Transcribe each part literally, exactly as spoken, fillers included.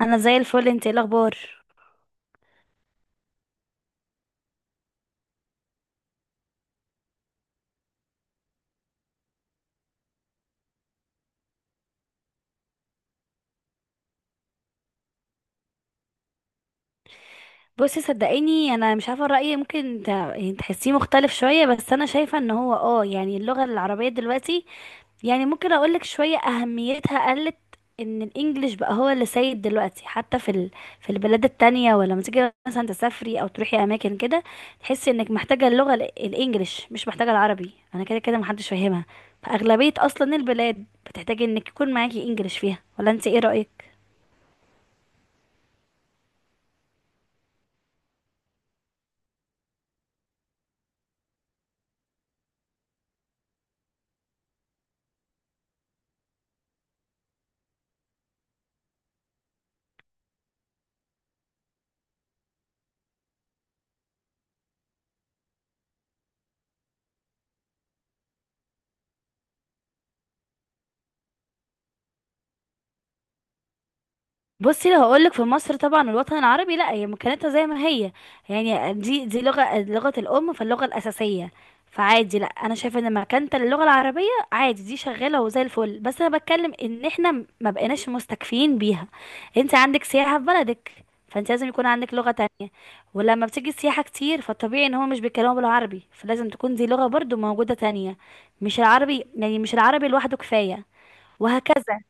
انا زي الفل، انت ايه الاخبار؟ بصي، صدقيني انا مش عارفه رايي، ممكن ت- يعني تحسيه مختلف شويه، بس انا شايفه ان هو اه يعني اللغه العربيه دلوقتي. يعني ممكن اقولك شويه اهميتها قلت. ان الانجليش بقى هو اللي سيد دلوقتي حتى في ال... في البلاد التانية، ولما تيجي مثلا تسافري او تروحي اماكن كده، تحسي انك محتاجه اللغه ال- الانجليش، مش محتاجه العربي، انا كده كده محدش فاهمها. فاغلبيه اصلا البلاد بتحتاجي انك يكون معاكي انجليش فيها، ولا انت ايه رايك؟ بصي، لو هقولك في مصر طبعا الوطن العربي، لا هي مكانتها زي ما هي، يعني دي دي لغة لغة الأم، فاللغة الأساسية، فعادي، لا أنا شايفة إن مكانتها للغة العربية عادي، دي شغالة وزي الفل، بس أنا بتكلم إن إحنا م- ما بقيناش مستكفين بيها. أنت عندك سياحة في بلدك، فأنت لازم يكون عندك لغة تانية، ولما بتيجي السياحة كتير، فالطبيعي إن هو مش بيتكلموا بالعربي، فلازم تكون دي لغة برضو موجودة تانية، مش العربي، يعني مش العربي لوحده كفاية، وهكذا.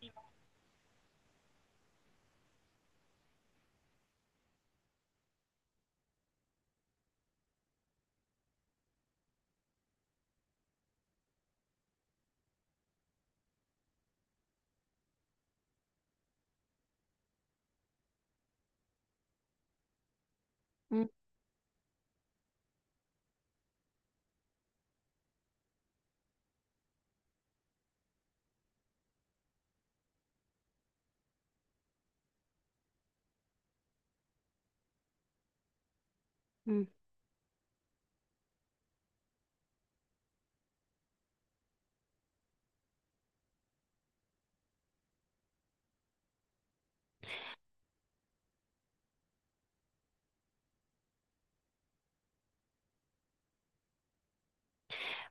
مم.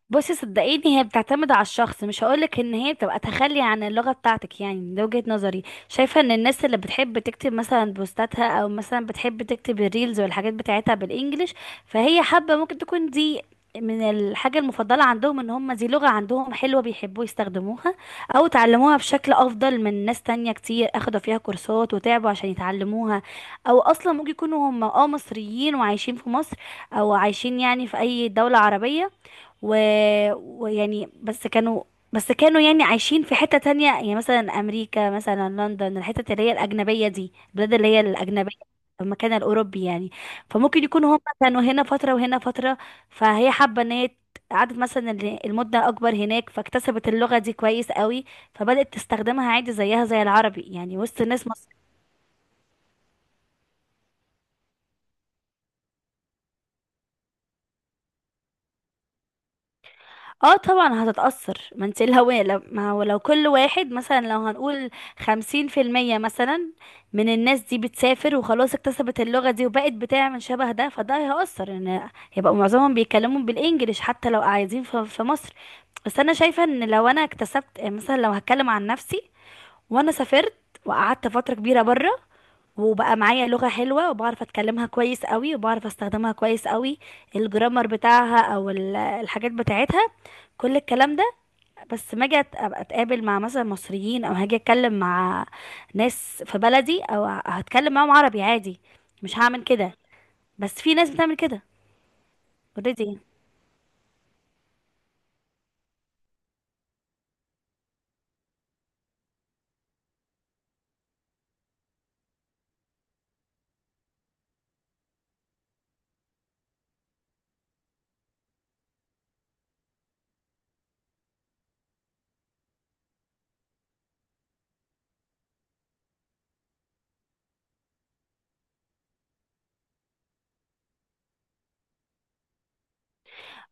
بصي، صدقيني هي بتعتمد على الشخص، مش هقولك ان هي بتبقى تخلي عن اللغة بتاعتك، يعني ده وجهة نظري. شايفة ان الناس اللي بتحب تكتب مثلا بوستاتها، او مثلا بتحب تكتب الريلز والحاجات بتاعتها بالانجلش، فهي حابة، ممكن تكون دي من الحاجة المفضلة عندهم، ان هم دي لغة عندهم حلوة بيحبوا يستخدموها، او اتعلموها بشكل افضل من ناس تانية كتير اخدوا فيها كورسات وتعبوا عشان يتعلموها، او اصلا ممكن يكونوا هم اه مصريين وعايشين في مصر، او عايشين يعني في اي دولة عربية، و... ويعني بس كانوا بس كانوا يعني عايشين في حتة تانية، يعني مثلا أمريكا مثلا لندن، الحتة اللي هي الأجنبية، دي البلاد اللي هي الأجنبية، المكان الأوروبي يعني. فممكن يكونوا هم كانوا هنا فترة وهنا فترة، فهي حابة إن هي قعدت مثلا ال- المدة أكبر هناك، فاكتسبت اللغة دي كويس قوي، فبدأت تستخدمها عادي زيها زي العربي، يعني وسط ناس. اه طبعا هتتأثر، ما انت الهوية، لو ما هو لو كل واحد مثلا لو هنقول خمسين في المية مثلا، من الناس دي بتسافر وخلاص اكتسبت اللغة دي وبقت بتعمل شبه ده، فده هيأثر ان هيبقوا معظمهم بيتكلموا بالانجليش، حتى لو قاعدين في في مصر. بس انا شايفة ان لو انا اكتسبت مثلا، لو هتكلم عن نفسي، وانا سافرت وقعدت فترة كبيرة بره، وبقى معايا لغة حلوة وبعرف اتكلمها كويس قوي وبعرف استخدمها كويس قوي، الجرامر بتاعها او ال- الحاجات بتاعتها، كل الكلام ده، بس ما اجي أت- ابقى اتقابل مع مثلا مصريين، او هاجي اتكلم مع ناس في بلدي، او ه- هتكلم معاهم عربي عادي، مش هعمل كده. بس في ناس بتعمل كده. اوريدي.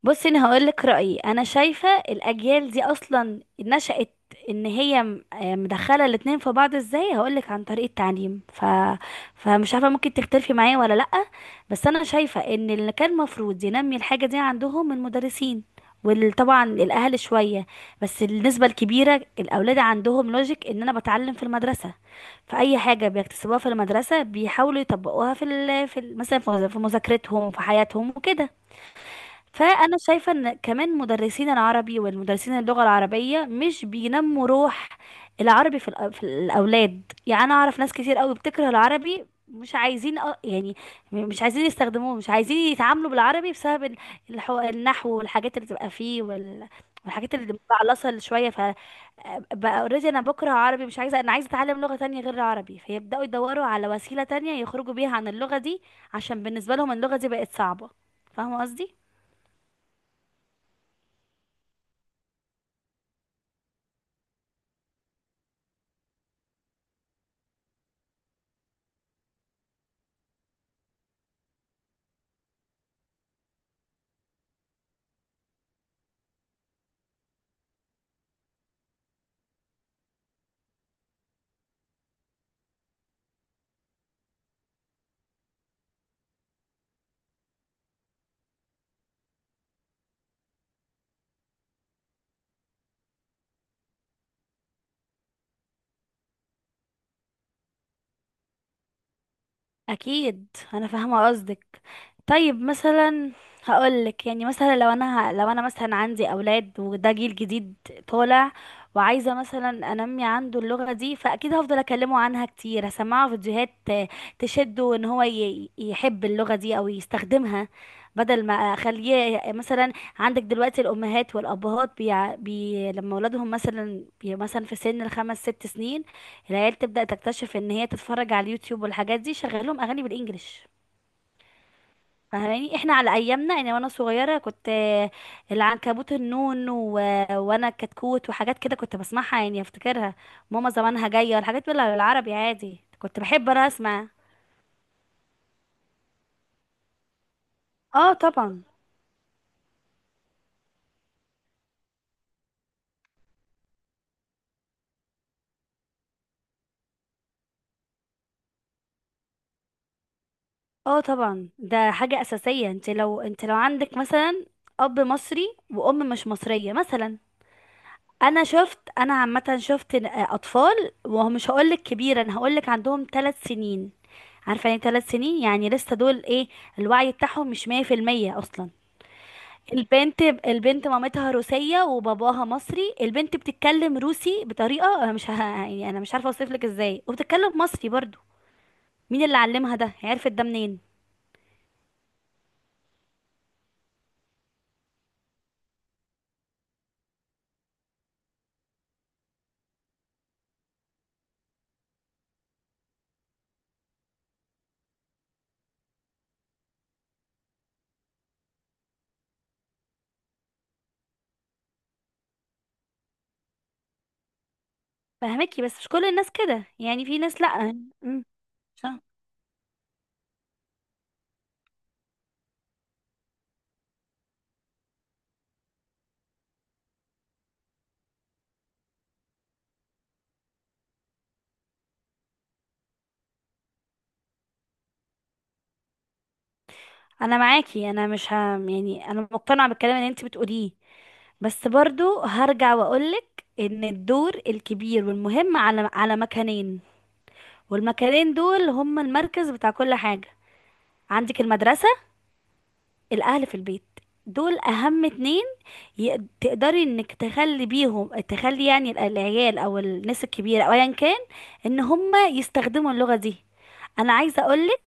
بصي، انا هقول لك رايي، انا شايفه الاجيال دي اصلا نشأت ان هي م- آه مدخله الاتنين في بعض، ازاي هقول لك، عن طريق التعليم، ف... فمش عارفه، ممكن تختلفي معايا ولا لا، بس انا شايفه ان اللي كان المفروض ينمي الحاجه دي عندهم المدرسين، وطبعا الاهل شويه، بس النسبه الكبيره الاولاد عندهم لوجيك ان انا بتعلم في المدرسه، فاي حاجه بيكتسبوها في المدرسه بيحاولوا يطبقوها في ال... في ال... مثلا في مذا- في مذاكرتهم في حياتهم وكده. فانا شايفه ان كمان مدرسين العربي والمدرسين اللغه العربيه مش بينموا روح العربي في, الأ- في الاولاد، يعني انا اعرف ناس كتير قوي بتكره العربي، مش عايزين أ- يعني مش عايزين يستخدموه، مش عايزين يتعاملوا بالعربي بسبب ال- الحو... النحو والحاجات اللي بتبقى فيه وال... والحاجات اللي متعلصه شويه، فبقى اوريدي انا بكره عربي مش عايزه، انا عايزه اتعلم لغه تانية غير العربي، فيبداوا يدوروا على وسيله تانية يخرجوا بيها عن اللغه دي، عشان بالنسبه لهم اللغه دي بقت صعبه. فاهمه قصدي؟ اكيد. انا فاهمه قصدك. طيب، مثلا، هقولك يعني مثلا، لو انا ه- لو انا مثلا عندي اولاد وده جيل جديد طالع، وعايزه مثلا انمي عنده اللغه دي، فاكيد هفضل اكلمه عنها كتير، هسمعه فيديوهات ت- تشده ان هو ي- يحب اللغه دي او يستخدمها، بدل ما اخليه مثلا. عندك دلوقتي الامهات والابهات بي... بي... لما اولادهم مثلا بي... مثلا في سن الخمس ست سنين، العيال تبدأ تكتشف ان هي تتفرج على اليوتيوب والحاجات دي، شغال لهم اغاني بالانجلش. فاهماني احنا على ايامنا، يعني وانا صغيره كنت آه، العنكبوت النون و... وانا الكتكوت وحاجات كده، كنت بسمعها يعني افتكرها، ماما زمانها جايه الحاجات دي بالعربي عادي، كنت بحب انا اسمع. اه طبعا. اه طبعا، ده حاجه اساسيه، انت لو انت لو عندك مثلا اب مصري وام مش مصريه مثلا، انا شفت انا عامه شفت ن- آه، اطفال، وهو مش هقولك كبيره، انا هقولك عندهم ثلاث سنين، عارفه يعني ثلاث سنين، يعني لسه دول ايه، الوعي بتاعهم مش مية في المية اصلا. البنت البنت مامتها روسيه وباباها مصري، البنت بتتكلم روسي بطريقه انا مش ه... يعني انا مش عارفه اوصفلك ازاي، وبتتكلم مصري برضو. مين اللي علمها ده؟ عرفت ده منين؟ فهمكي، بس مش كل الناس كده، يعني في ناس لا. أمم، صح. انا معاكي، انا مش ه... يعني انا مقتنعه بالكلام اللي انت بتقوليه، بس برضو هرجع واقولك ان الدور الكبير والمهم على على مكانين، والمكانين دول هم المركز بتاع كل حاجة، عندك المدرسة، الاهل في البيت، دول اهم اتنين، يق- تقدري انك تخلي بيهم تخلي يعني ال- العيال او الناس الكبيرة او ايا كان ان هم يستخدموا اللغة دي. انا عايزة اقولك،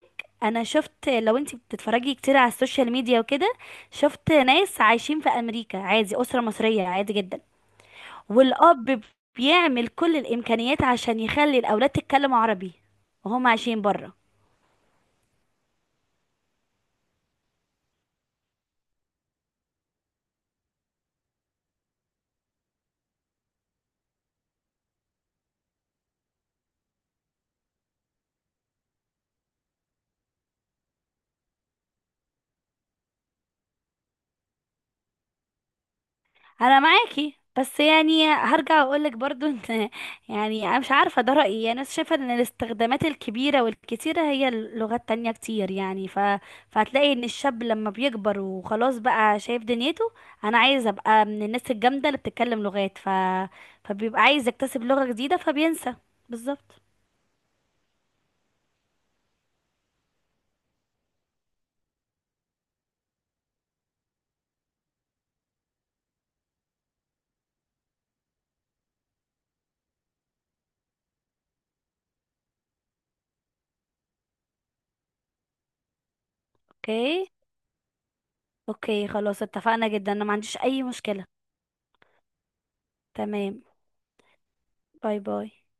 انا شفت لو انت بتتفرجي كتير على السوشيال ميديا وكده، شفت ناس عايشين في امريكا عادي، اسرة مصرية عادي جدا، والأب بيعمل كل الإمكانيات عشان يخلي الأولاد تتكلم عربي، وهم عايشين برا. أنا معاكي، بس يعني هرجع أقولك برضو إن يعني أنا مش عارفة، ده رأيي، أنا شايفة إن الاستخدامات الكبيرة والكتيرة هي لغات تانية كتير، يعني ف... فهتلاقي إن الشاب لما بيكبر وخلاص بقى شايف دنيته، أنا عايز أبقى من الناس الجامدة اللي بتتكلم لغات، ف... فبيبقى عايز يكتسب لغة جديدة، فبينسى. بالظبط. اوكي. اوكي، خلاص اتفقنا جدا، أنا ما عنديش أي مشكلة. تمام. باي باي.